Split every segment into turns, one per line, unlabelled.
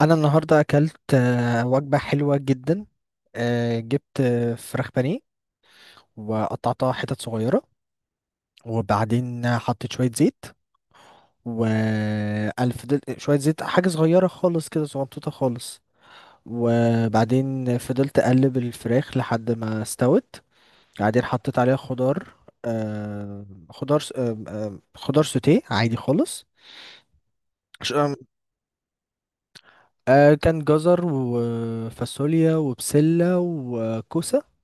انا النهارده اكلت وجبه حلوه جدا. جبت فراخ بانيه، وقطعتها حتت صغيره، وبعدين حطيت شويه زيت. وقال فضلت شويه زيت، حاجه صغيره خالص كده، صغنطوطه خالص. وبعدين فضلت اقلب الفراخ لحد ما استوت. بعدين حطيت عليها خضار، خضار سوتيه عادي خالص. ش- كان جزر وفاصوليا وبسله وكوسه.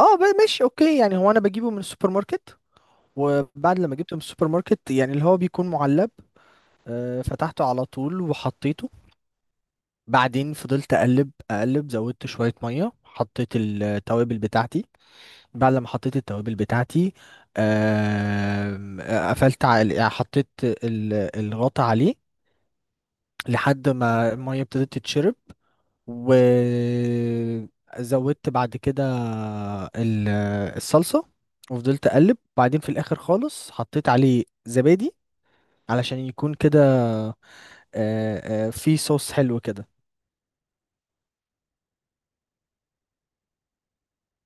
ماشي، اوكي، يعني هو انا بجيبه من السوبر ماركت، وبعد لما جبته من السوبر ماركت يعني اللي هو بيكون معلب. فتحته على طول وحطيته. بعدين فضلت اقلب، زودت شوية مية، حطيت التوابل بتاعتي. بعد لما حطيت التوابل بتاعتي، آم، آه، قفلت على، يعني حطيت الغطا عليه لحد ما المية ابتدت تتشرب. وزودت بعد كده ال- الصلصة، وفضلت اقلب. بعدين في الاخر خالص حطيت عليه زبادي علشان يكون كده آه، في صوص حلو كده.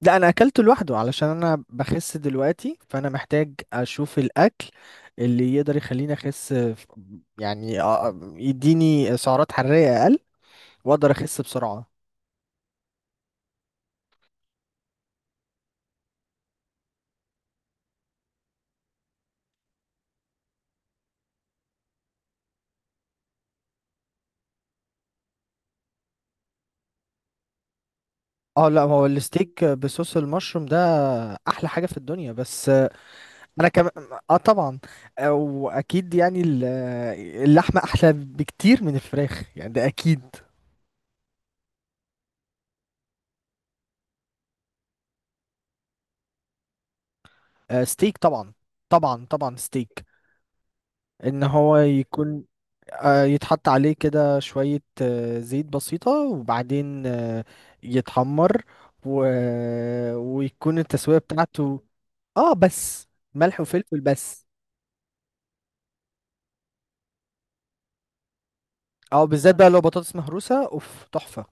لا، انا اكلته لوحده علشان انا بخس دلوقتي، فانا محتاج اشوف الاكل اللي يقدر يخليني اخس، يعني يديني سعرات حرارية اقل، واقدر اخس بسرعة. اه، لا، هو الستيك بصوص المشروم ده احلى حاجة في الدنيا، بس انا كمان. اه، طبعا. واكيد يعني اللحمه احلى بكتير من الفراخ، يعني ده اكيد. ستيك طبعا. طبعا طبعا ستيك. ان هو يكون يتحط عليه كده شويه زيت بسيطه، وبعدين يتحمر و... ويكون التسويه بتاعته. اه، بس. ملح وفلفل بس. اه، بالذات بقى لو بطاطس مهروسه، اوف تحفه.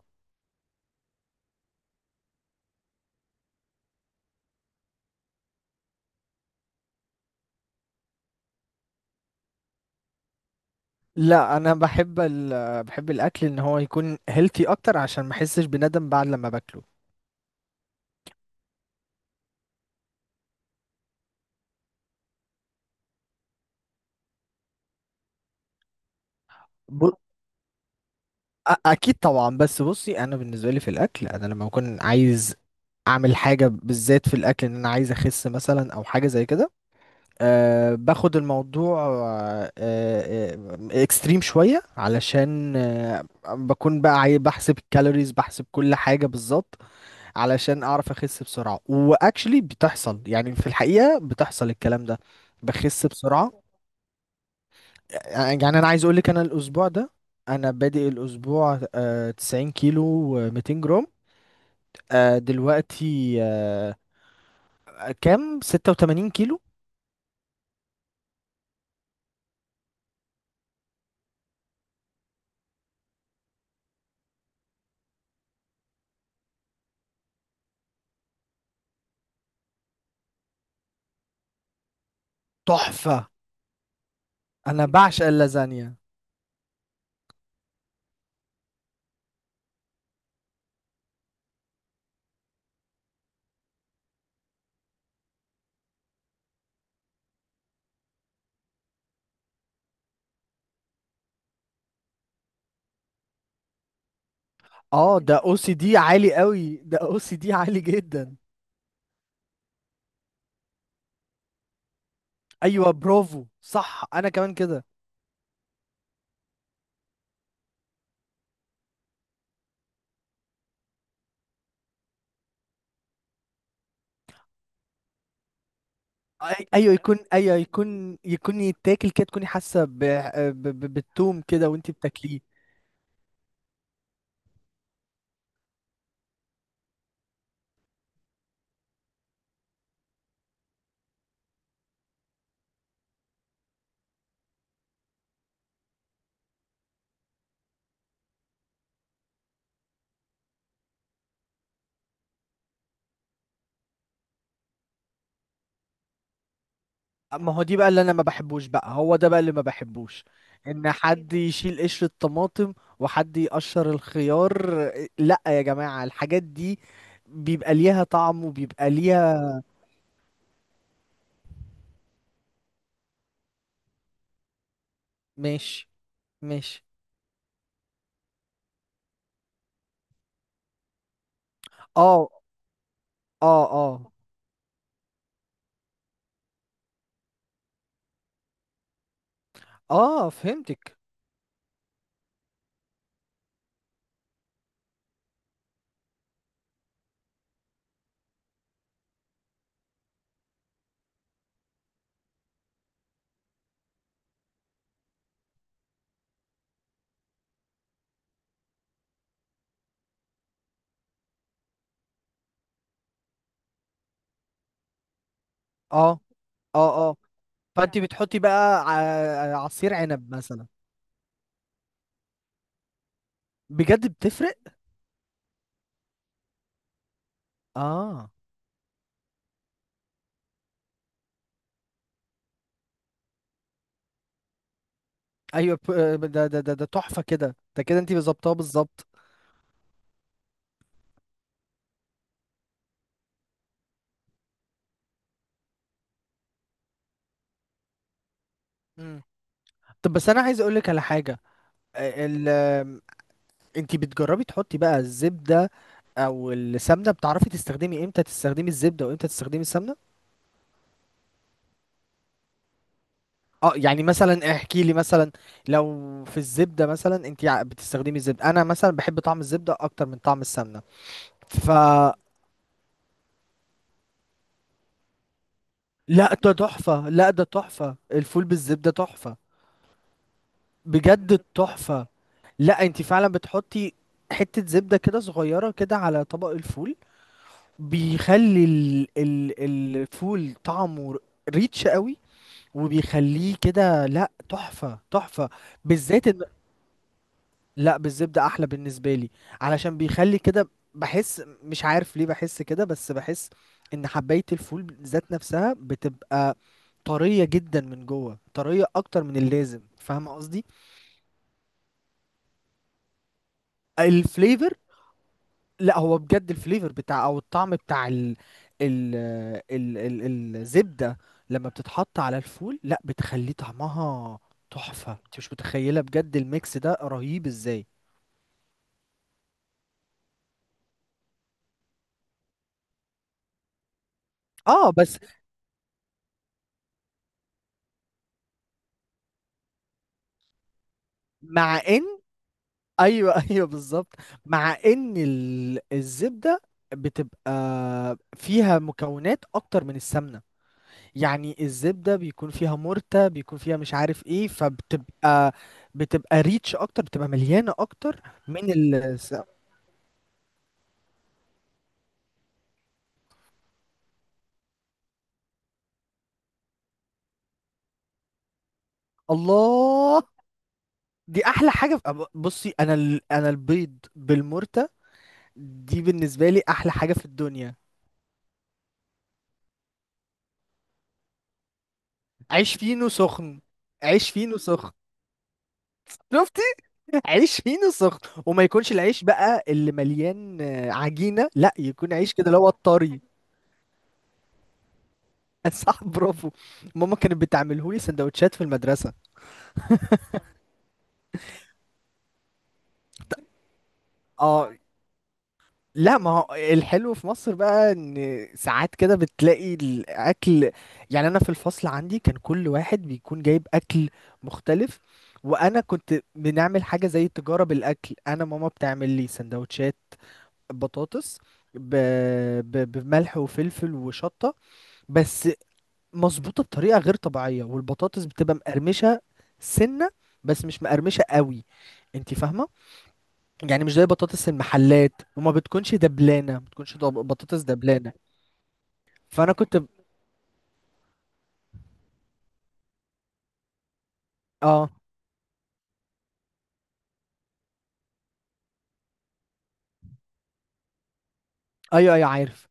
لا، انا بحب بحب الاكل ان هو يكون هيلثي اكتر عشان ما احسش بندم بعد لما باكله. ب... اكيد طبعا. بس بصي، انا بالنسبه لي في الاكل، انا لما بكون عايز اعمل حاجه بالذات في الاكل ان انا عايز اخس مثلا او حاجه زي كده، باخد الموضوع اكستريم شوية، علشان بكون بقى بحسب الكالوريز، بحسب كل حاجة بالظبط، علشان اعرف اخس بسرعة. واكشلي بتحصل، يعني في الحقيقة بتحصل الكلام ده، بخس بسرعة. يعني انا عايز اقولك، انا الاسبوع ده، انا بادئ الاسبوع 90 كيلو و200 جرام، دلوقتي كام، 86 كيلو. تحفة. انا بعشق اللازانيا. اه، ده او سي دي عالي قوي، ده او سي دي عالي جدا. ايوه، برافو، صح، انا كمان كده. ايوه يكون، ايوه يكون، يتاكل كده، تكوني حاسه ب- بالتوم كده وانتي بتاكليه. ما هو دي بقى اللي انا ما بحبوش، بقى هو ده بقى اللي ما بحبوش، ان حد يشيل قشر الطماطم وحد يقشر الخيار. لا يا جماعه، الحاجات دي بيبقى ليها طعم وبيبقى ليها. ماشي، ماشي. اه، اه، اه، اه، فهمتك. اه، اه، اه. فانت بتحطي بقى عصير عنب مثلا. بجد بتفرق. اه، ايوه، ده تحفه كده، ده كده انت ظبطها بالظبط. مم. طب بس انا عايز اقول لك على حاجه. ال انت بتجربي تحطي بقى الزبده او السمنه؟ بتعرفي تستخدمي امتى تستخدمي الزبده وامتى تستخدمي السمنه؟ اه، يعني مثلا احكي لي مثلا، لو في الزبده مثلا، انت بتستخدمي الزبده. انا مثلا بحب طعم الزبده اكتر من طعم السمنه. لا، ده تحفة، لا، ده تحفة، الفول بالزبدة تحفة. بجد تحفة. لا، انت فعلا بتحطي حتة زبدة كده صغيرة كده على طبق الفول، بيخلي ال ال الفول طعمه ريتش قوي، وبيخليه كده، لا تحفة، تحفة. بالذات ان، لا بالزبدة احلى بالنسبة لي، علشان بيخلي كده، بحس مش عارف ليه، بحس كده، بس بحس ان حباية الفول ذات نفسها بتبقى طرية جدا من جوه، طرية اكتر من اللازم. فاهم قصدي؟ الفليفر، لا هو بجد الفليفر بتاع، او الطعم بتاع ال ال ال ال الزبدة لما بتتحط على الفول، لا بتخليه طعمها تحفة، انت مش متخيلة بجد الميكس ده رهيب ازاي. اه، بس، مع ان، ايوه ايوه بالظبط. مع ان الزبده بتبقى فيها مكونات اكتر من السمنه، يعني الزبده بيكون فيها مرتة، بيكون فيها مش عارف ايه، فبتبقى، بتبقى ريتش اكتر، بتبقى مليانه اكتر من ال الله، دي احلى حاجه بصي، انا انا البيض بالمرتة دي بالنسبه لي احلى حاجه في الدنيا. عيش فينو سخن. عيش فينو سخن. شفت؟ عيش فينو سخن، وما يكونش العيش بقى اللي مليان عجينه، لا، يكون عيش كده اللي هو الطري. صح، برافو. ماما كانت بتعمله لي سندوتشات في المدرسه. اه، لا، ما هو الحلو في مصر بقى ان ساعات كده بتلاقي الاكل، يعني انا في الفصل عندي كان كل واحد بيكون جايب اكل مختلف. وانا كنت بنعمل حاجه زي تجاره بالاكل. انا ماما بتعمل لي سندوتشات بطاطس ب... بملح وفلفل وشطه بس، مظبوطه بطريقه غير طبيعيه، والبطاطس بتبقى مقرمشه، سنه، بس مش مقرمشه قوي. انت فاهمه؟ يعني مش زي بطاطس المحلات، وما بتكونش دبلانه، ما بتكونش بطاطس دبلانه. فانا كنت اه، ايوه، ايوه، عارف.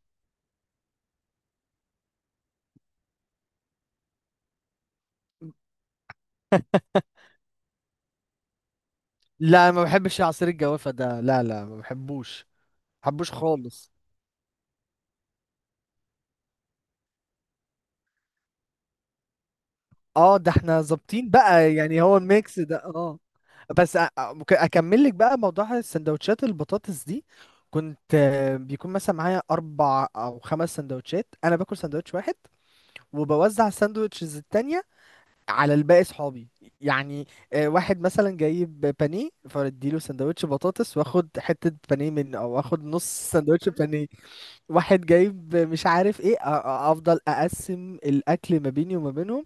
لا، ما بحبش عصير الجوافه ده، لا، لا، ما بحبوش. ما بحبوش خالص. اه، ده احنا ظابطين بقى، يعني هو الميكس ده، اه. بس ممكن اكمل لك بقى موضوع السندوتشات البطاطس دي. كنت بيكون مثلا معايا اربع او خمس سندوتشات، انا باكل سندوتش واحد، وبوزع الساندوتشز التانية على الباقي صحابي. يعني واحد مثلا جايب بانيه، فاديله سندوتش بطاطس واخد حتة بانيه منه، او اخد نص سندوتش بانيه. واحد جايب مش عارف ايه، افضل اقسم الاكل ما بيني وما بينهم،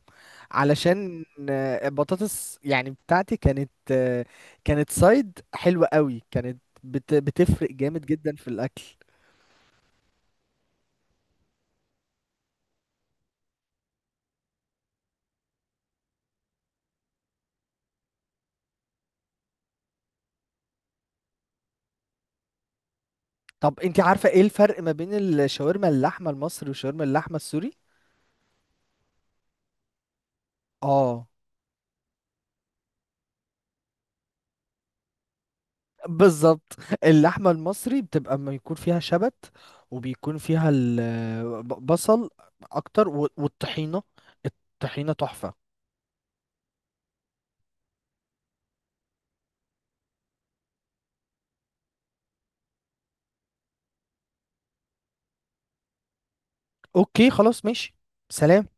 علشان البطاطس يعني بتاعتي كانت كانت سايد حلوة قوي، كانت بتفرق جامد جدا في الأكل. طب انت عارفة ايه الفرق ما بين الشاورما اللحمة المصري وشاورما اللحمة السوري؟ اه، بالظبط. اللحمة المصري بتبقى ما يكون فيها شبت، وبيكون فيها البصل اكتر، والطحينة، الطحينة تحفة. اوكي، خلاص، ماشي. سلام.